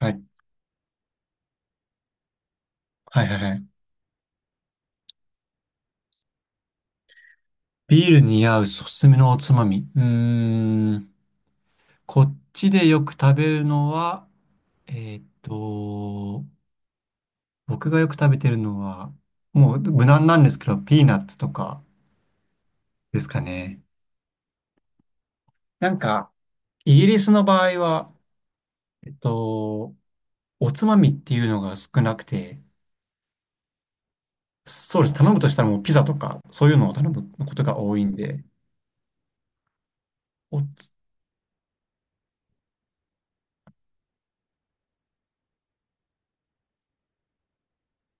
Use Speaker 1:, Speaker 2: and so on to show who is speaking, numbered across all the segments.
Speaker 1: はい。はいはいはい。ビールに合うおすすめのおつまみ。うーん。こっちでよく食べるのは、えーっと、僕がよく食べてるのは、もう無難なんですけど、ピーナッツとかですかね。なんか、イギリスの場合は、えっと、おつまみっていうのが少なくて、そうです。頼むとしたらもうピザとか、そういうのを頼むことが多いんで、おつ、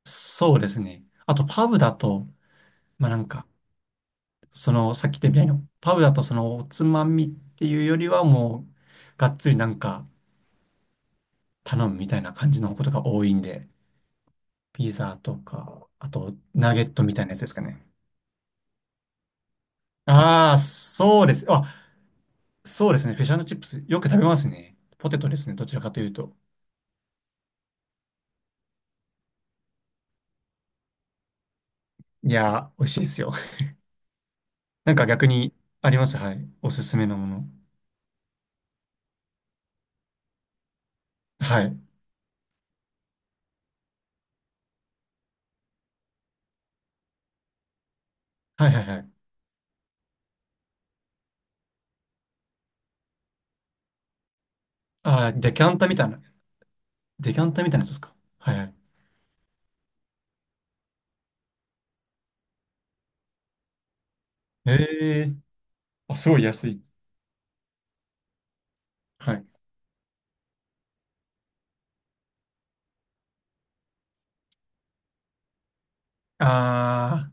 Speaker 1: そうですね。あと、パブだと、まあなんか、その、さっき言ったみたいなパウだとその、おつまみっていうよりはもう、がっつりなんか頼むみたいな感じのことが多いんで、ピザとか、あと、ナゲットみたいなやつですかね。ああ、そうです。あ、そうですね。フィッシュチップス、よく食べますね。ポテトですね。どちらかというと。いやー、美味しいですよ。なんか逆に、あります。はい。おすすめのもの。はい。はいはいはい。ああ、デキャンタみたいな。デキャンタみたいなやつですか？はいはい。ええー、あ、すごい安い。はい。ああ、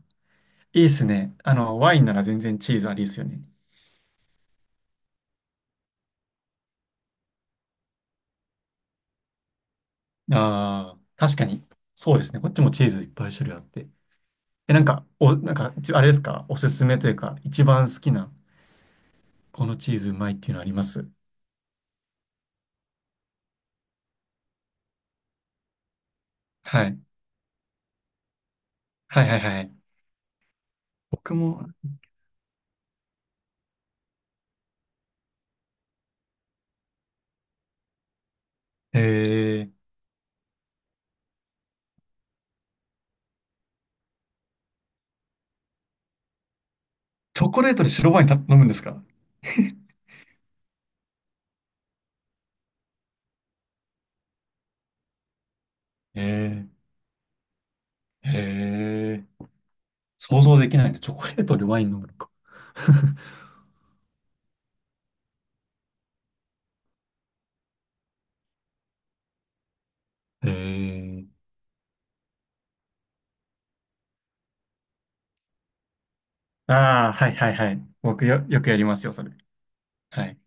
Speaker 1: いいっすね。あの、ワインなら全然チーズありですよね。ああ、確かに。そうですね。こっちもチーズいっぱい種類あって。え、なんか、なんか、あれですか？おすすめというか、一番好きな、このチーズうまいっていうのあります？はい。はいはいはい。僕も、えー、チョコレートで白ワインた飲むんですか？えー、えー、想像できないね。チョコレートでワイン飲むのか。えー、ああ、はいはいはい。よくやりますよ、それ。はい。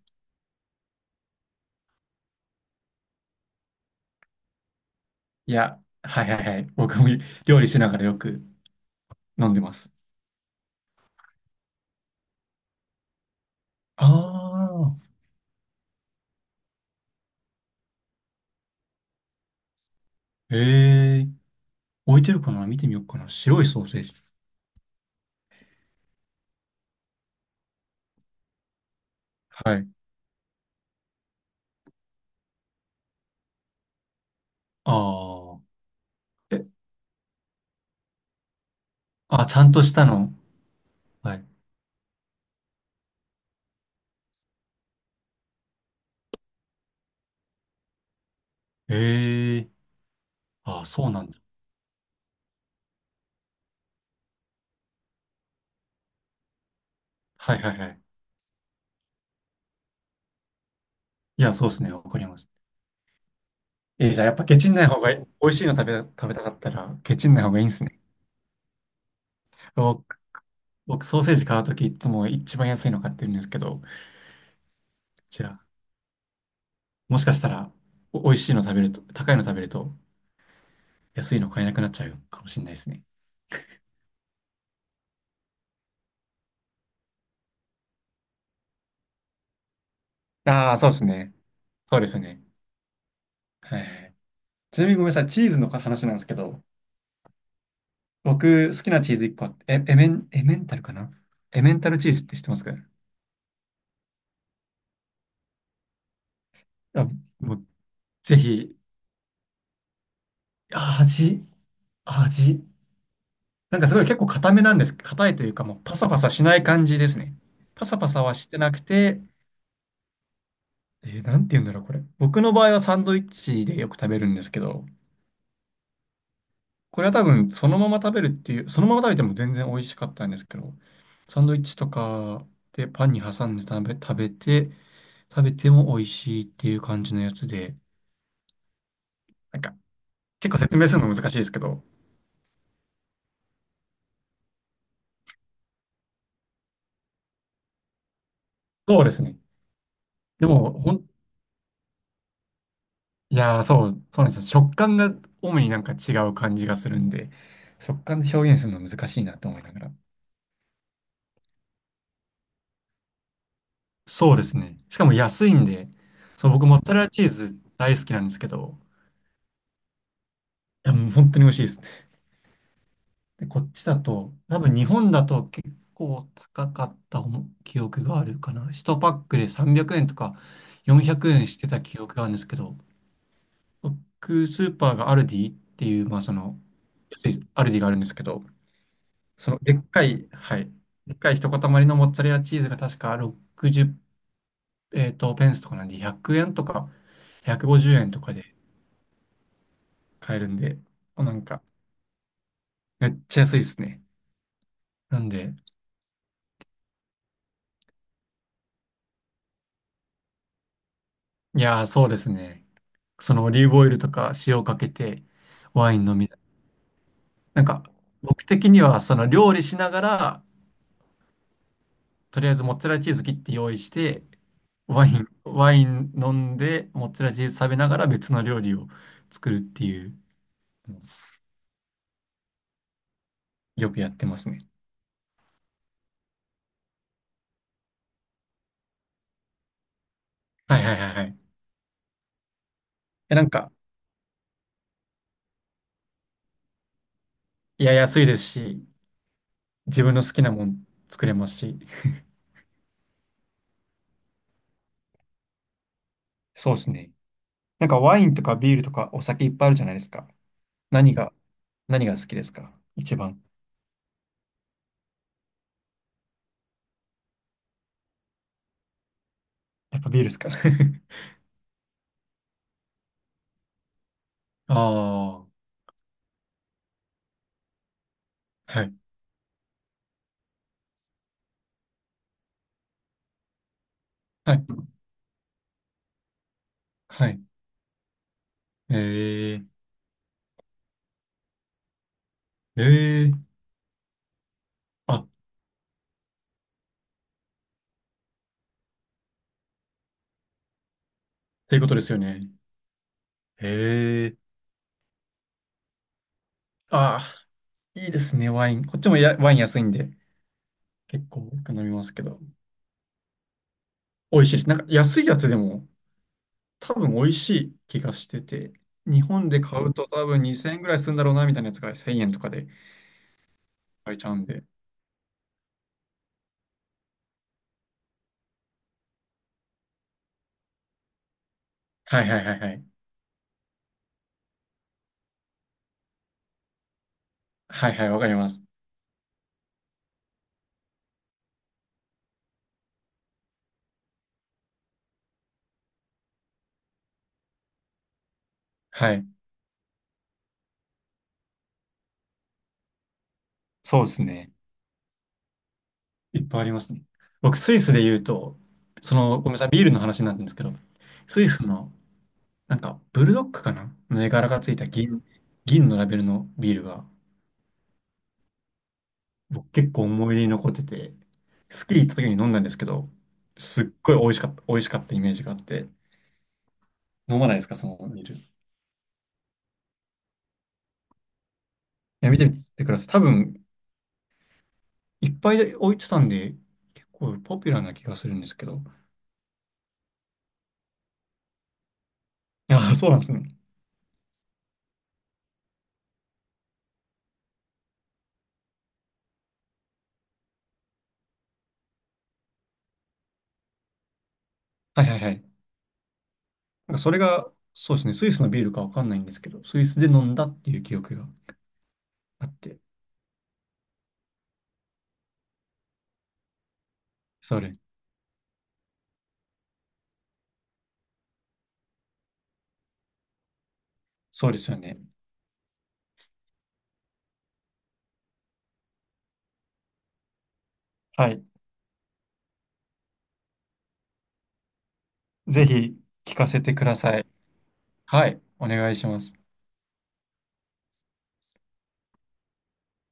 Speaker 1: いや、はいはいはい。僕も料理しながらよく飲んでます。ああ、へえ。置いてるかな見てみようかな。白いソーセージ。はい。ああ。え、あ、ちゃんとしたの。はい。へえ。ああ、そうなんだ。はいはいはい。いや、そうですね。わかります。じゃあやっぱケチんない方がいい。美味しいの食べたかったら、ケチんない方がいいんですね。僕、僕ソーセージ買うときいつも一番安いの買ってるんですけど、こちら。もしかしたら、美味しいの食べると、高いの食べると、安いの買えなくなっちゃうかもしれないですね。ああ、そうですね。そうですね。はい。ちなみにごめんなさい、チーズの話なんですけど、僕好きなチーズ1個あって、えエメン、エメンタルかな？エメンタルチーズって知ってますか？あ、もう、ぜひ、味、味。なんかすごい結構硬めなんです。硬いというか、もうパサパサしない感じですね。パサパサはしてなくて、なんて言うんだろう、これ。僕の場合はサンドイッチでよく食べるんですけど、これは多分そのまま食べるっていう、そのまま食べても全然美味しかったんですけど、サンドイッチとかでパンに挟んで食べて、食べても美味しいっていう感じのやつで、なんか結構説明するの難しいですけど、そうですね。でも、いやー、そうなんですよ。食感が主になんか違う感じがするんで、食感で表現するの難しいなと思いながら。そうですね。しかも安いんで、そう、僕モッツァレラチーズ大好きなんですけど、いや、もう本当に美味しいです。で、こっちだと、多分日本だと結構高かった思記憶があるかな。1パックで300円とか400円してた記憶があるんですけど、僕、スーパーがアルディっていう、まあその、安いアルディがあるんですけど、そのでっかい、はい、でっかい一塊のモッツァレラチーズが確か60、ペンスとかなんで100円とか150円とかで買えるんで、あなんかめっちゃ安いですね。なんで、いやーそうですね。そのオリーブオイルとか塩をかけてワイン飲みたい。なんか、僕的にはその料理しながら、とりあえずモッツァレラチーズ切って用意して、ワイン飲んで、モッツァレラチーズ食べながら別の料理を作るっていう、よくやってますね。はいはいはいはい。え、なんか、いや、安いですし、自分の好きなもん作れますし。そうですね。なんかワインとかビールとかお酒いっぱいあるじゃないですか。何が、何が好きですか一番？やっぱビールですか？ ああ、はい、はい、はい。えー、えー、あ、っていうことですよね。えー、あー、いいですね、ワイン。こっちもやワイン安いんで、結構よく飲みますけど。美味しいです。なんか安いやつでも、多分美味しい気がしてて、日本で買うと多分2000円ぐらいするんだろうな、みたいなやつが1000円とかで買えちゃうんで。はいはいはいはい。はいはい、わかります。はい。そうですね。いっぱいありますね。僕、スイスで言うと、その、ごめんなさい、ビールの話になるんですけど、スイスの、なんか、ブルドックかなの絵柄がついた銀のラベルのビールが、僕結構思い出に残ってて、スキー行った時に飲んだんですけど、すっごい美味しかったイメージがあって、飲まないですか、そのビール？いや、見てみてください。多分、いっぱい置いてたんで、結構ポピュラーな気がするんですけど。ああ、そうなんですね。はいはいはい。なんかそれが、そうですね、スイスのビールかわかんないんですけど、スイスで飲んだっていう記憶があって、それ、そうですよね。はい。ぜひ聞かせてください。はい、お願いします。